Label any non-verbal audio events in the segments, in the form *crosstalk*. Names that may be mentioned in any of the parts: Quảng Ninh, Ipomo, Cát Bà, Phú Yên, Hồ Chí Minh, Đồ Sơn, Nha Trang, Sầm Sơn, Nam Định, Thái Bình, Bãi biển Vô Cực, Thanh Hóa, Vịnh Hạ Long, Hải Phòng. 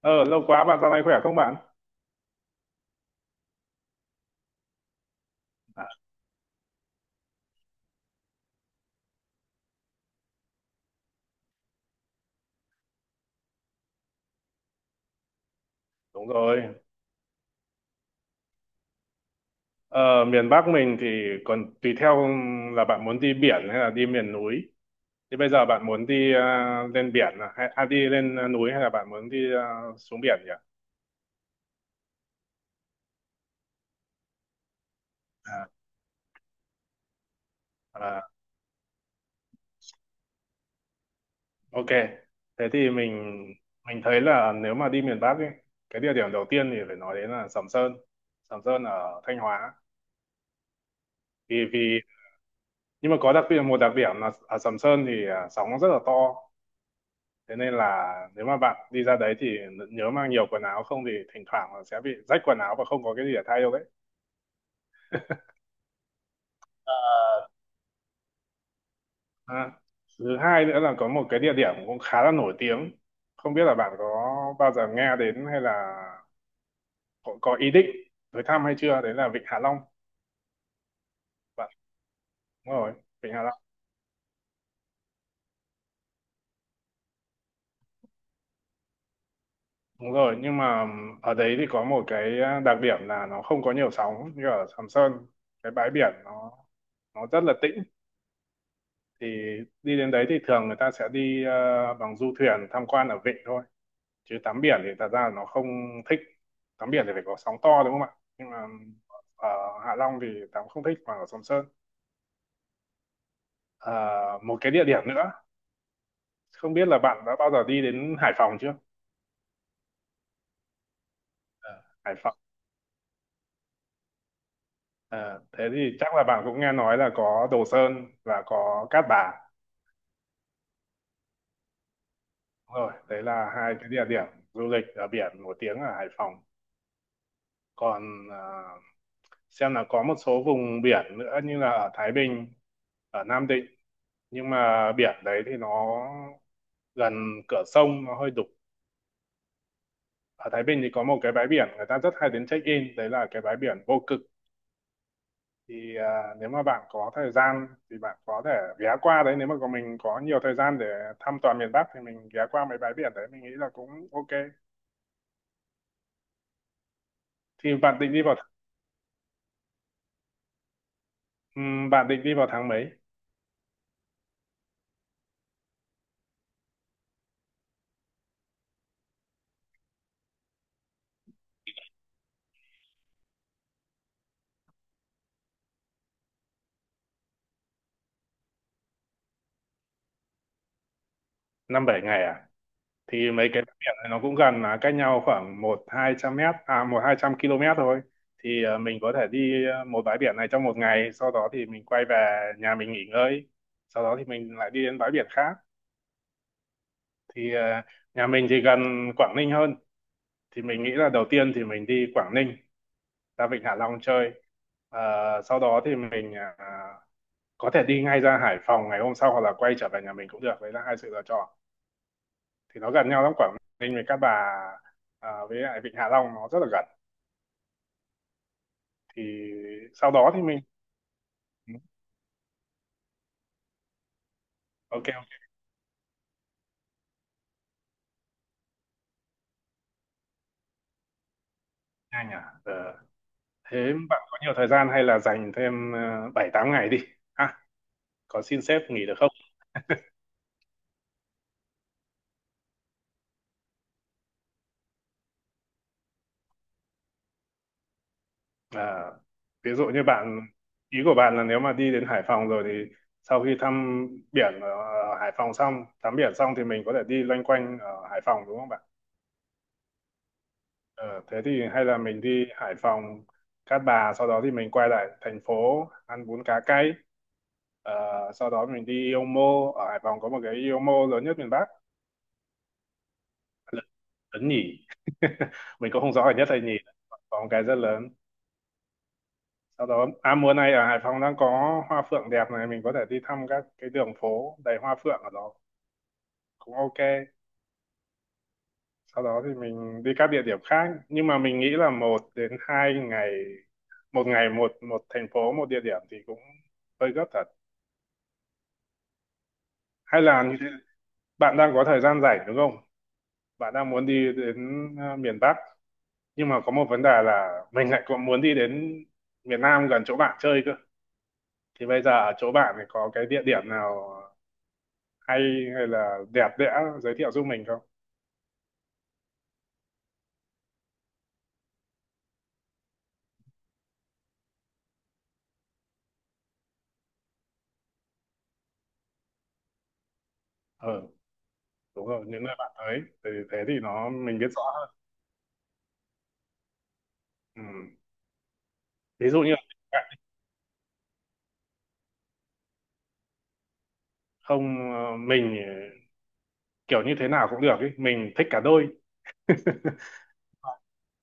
Ờ, lâu quá bạn dạo này khỏe không bạn? Đúng rồi. Ờ, miền Bắc mình thì còn tùy theo là bạn muốn đi biển hay là đi miền núi. Thì bây giờ bạn muốn đi lên biển à, hay đi lên núi, hay là bạn muốn đi xuống biển nhỉ? À, à, ok. Thế thì mình thấy là nếu mà đi miền Bắc ấy, cái địa điểm đầu tiên thì phải nói đến là Sầm Sơn. Sầm Sơn ở Thanh Hóa. Vì vì Nhưng mà có đặc biệt một đặc điểm là ở Sầm Sơn thì sóng nó rất là to, thế nên là nếu mà bạn đi ra đấy thì nhớ mang nhiều quần áo, không thì thỉnh thoảng là sẽ bị rách quần áo và không có cái gì để thay đâu đấy. à, Thứ hai nữa là có một cái địa điểm cũng khá là nổi tiếng, không biết là bạn có bao giờ nghe đến, hay là có ý định tới thăm hay chưa, đấy là Vịnh Hạ Long bạn. Đúng rồi, Vịnh Hạ Long. Đúng rồi, nhưng mà ở đấy thì có một cái đặc điểm là nó không có nhiều sóng như ở Sầm Sơn, cái bãi biển nó rất là tĩnh, thì đi đến đấy thì thường người ta sẽ đi bằng du thuyền tham quan ở vịnh thôi, chứ tắm biển thì thật ra là nó không thích. Tắm biển thì phải có sóng to, đúng không ạ? Nhưng mà ở Hạ Long thì tắm không thích, mà ở Sầm Sơn. Ờ, một cái địa điểm nữa, không biết là bạn đã bao giờ đi đến Hải Phòng chưa. Ờ, Hải Phòng. Ờ, thế thì chắc là bạn cũng nghe nói là có Đồ Sơn và có Cát Bà. Đúng rồi, đấy là hai cái địa điểm du lịch ở biển nổi tiếng ở Hải Phòng. Còn xem là có một số vùng biển nữa như là ở Thái Bình, ở Nam Định, nhưng mà biển đấy thì nó gần cửa sông, nó hơi đục. Ở Thái Bình thì có một cái bãi biển người ta rất hay đến check in, đấy là cái bãi biển Vô Cực. Thì nếu mà bạn có thời gian thì bạn có thể ghé qua đấy, nếu mà mình có nhiều thời gian để thăm toàn miền Bắc thì mình ghé qua mấy bãi biển đấy, mình nghĩ là cũng ok. thì bạn định đi vào th- Bạn định đi vào tháng mấy? Năm bảy ngày à? Thì mấy cái bãi biển này nó cũng gần, là cách nhau khoảng một hai trăm mét, à một hai trăm km thôi, thì mình có thể đi một bãi biển này trong một ngày, sau đó thì mình quay về nhà mình nghỉ ngơi, sau đó thì mình lại đi đến bãi biển khác. Thì nhà mình thì gần Quảng Ninh hơn, thì mình nghĩ là đầu tiên thì mình đi Quảng Ninh ra Vịnh Hạ Long chơi. Ờ, sau đó thì mình có thể đi ngay ra Hải Phòng ngày hôm sau, hoặc là quay trở về nhà mình cũng được, đấy là hai sự lựa chọn. Thì nó gần nhau lắm, Quảng Ninh với Cát Bà, à với lại Vịnh Hạ Long nó rất là gần. Thì sau đó thì mình Ok, ok, nhanh à? Ờ, thế bạn có nhiều thời gian hay là dành thêm bảy tám ngày đi ha? Có xin sếp nghỉ được không? À, ví dụ như bạn ý của bạn là nếu mà đi đến Hải Phòng rồi thì sau khi thăm biển ở Hải Phòng xong, tắm biển xong thì mình có thể đi loanh quanh ở Hải Phòng, đúng không bạn? Ờ, thế thì hay là mình đi Hải Phòng, Cát Bà, sau đó thì mình quay lại thành phố ăn bún cá cay. Ờ, sau đó mình đi Ipomo, ở Hải Phòng có một cái Ipomo lớn nhất miền Bắc, lớn, lớn nhỉ. *laughs* Mình cũng không rõ là nhất hay nhì, có một cái rất lớn. Sau đó, à mùa này ở Hải Phòng đang có hoa phượng đẹp này, mình có thể đi thăm các cái đường phố đầy hoa phượng ở đó, cũng ok. Sau đó thì mình đi các địa điểm khác, nhưng mà mình nghĩ là một đến hai ngày, một ngày một một thành phố một địa điểm thì cũng hơi gấp thật. Hay là như thế, bạn đang có thời gian rảnh đúng không? Bạn đang muốn đi đến miền Bắc, nhưng mà có một vấn đề là mình lại còn muốn đi đến miền Nam gần chỗ bạn chơi cơ. Thì bây giờ ở chỗ bạn thì có cái địa điểm nào hay, hay là đẹp đẽ, giới thiệu giúp mình không? Ừ, đúng rồi, những nơi bạn tới thì thế thì nó mình biết rõ hơn. Ừ. ví dụ như Không, mình kiểu như thế nào cũng được, ý mình thích cả đôi,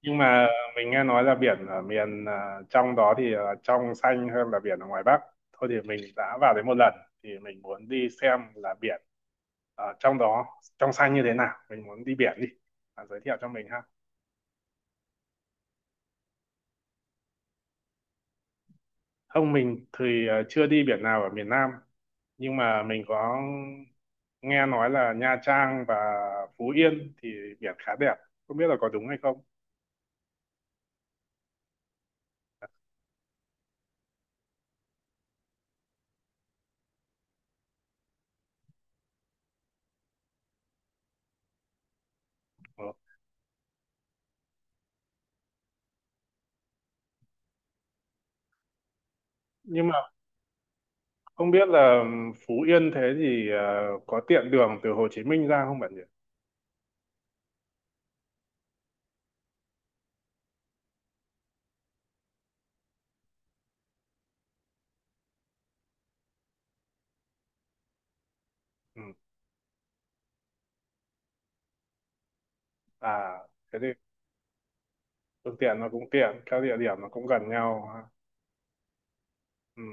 nhưng mà mình nghe nói là biển ở miền trong đó thì là trong xanh hơn là biển ở ngoài Bắc. Thôi thì mình đã vào đấy một lần, thì mình muốn đi xem là biển ở trong đó trong xanh như thế nào, mình muốn đi biển đi, bạn giới thiệu cho mình ha. Không, mình thì chưa đi biển nào ở miền Nam, nhưng mà mình có nghe nói là Nha Trang và Phú Yên thì biển khá đẹp, không biết là có đúng hay không. Ờ. nhưng mà Không biết là Phú Yên thế thì có tiện đường từ Hồ Chí Minh ra không bạn nhỉ? Ừ. À, thế thì phương tiện nó cũng tiện, các địa điểm nó cũng gần nhau, ha. Ừ.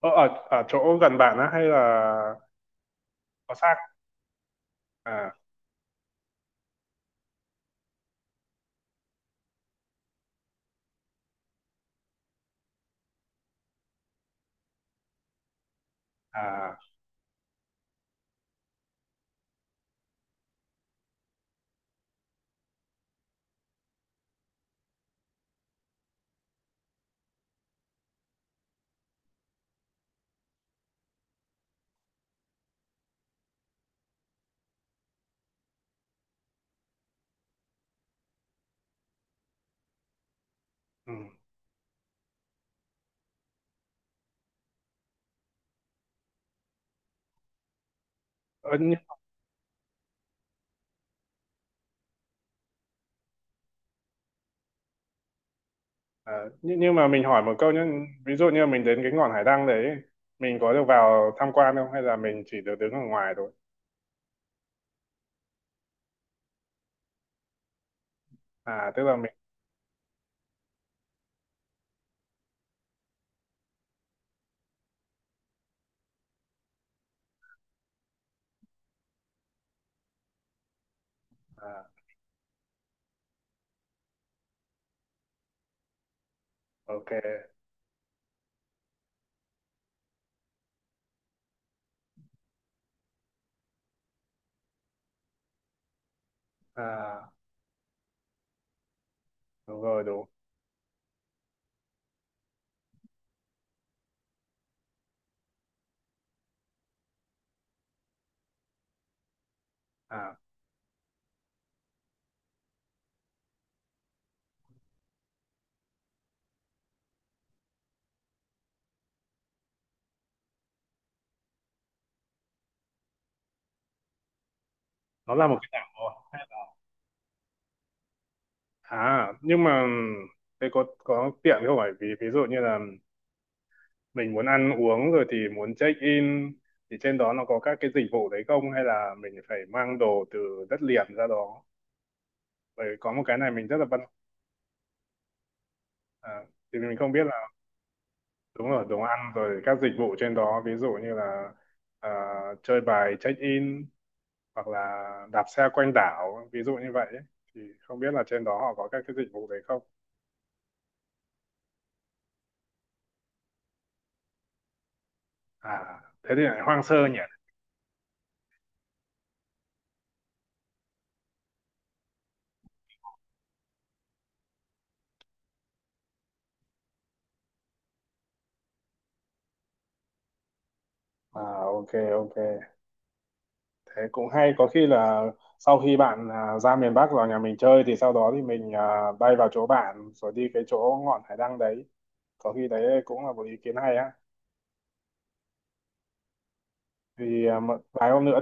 Ở chỗ gần bạn á, hay là có xa? À, à, ừ. Ờ, nhưng, à, nhưng nhưng mà mình hỏi một câu nhé, ví dụ như mình đến cái ngọn hải đăng đấy, mình có được vào tham quan không, hay là mình chỉ được đứng ở ngoài thôi? À, tức là mình, à, Ok, à, đúng rồi, đúng. À, nó là một cái đảo. À, nhưng mà ừ, thế có tiện không, phải vì ví dụ như là mình muốn ăn uống rồi thì muốn check in thì trên đó nó có các cái dịch vụ đấy không, hay là mình phải mang đồ từ đất liền ra đó. Bởi vì có một cái này mình rất là à, thì mình không biết là, đúng rồi, đồ ăn rồi các dịch vụ trên đó ví dụ như là à, chơi bài check in hoặc là đạp xe quanh đảo, ví dụ như vậy ấy. Thì không biết là trên đó họ có các cái dịch vụ đấy không. À, thế thì lại hoang sơ nhỉ. À, ok, ok, thế cũng hay, có khi là sau khi bạn ra miền Bắc vào nhà mình chơi thì sau đó thì mình bay vào chỗ bạn rồi đi cái chỗ ngọn hải đăng đấy, có khi đấy cũng là một ý kiến hay á. Thì một vài hôm nữa,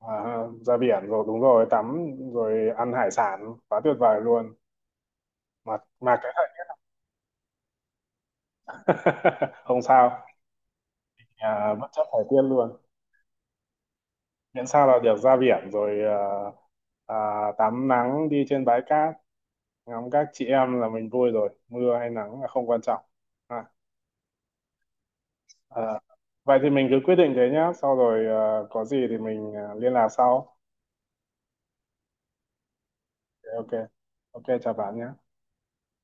à ra biển rồi, đúng rồi, tắm rồi ăn hải sản quá tuyệt vời luôn. Mà cái *laughs* Không sao, à bất chấp thời tiết luôn, miễn sao là được ra biển rồi à, tắm nắng đi trên bãi cát ngắm các chị em là mình vui rồi, mưa hay nắng là không quan trọng. À. Ờ, vậy thì mình cứ quyết định thế nhá, sau rồi có gì thì mình liên lạc sau. Ok, ok, chào bạn nhé.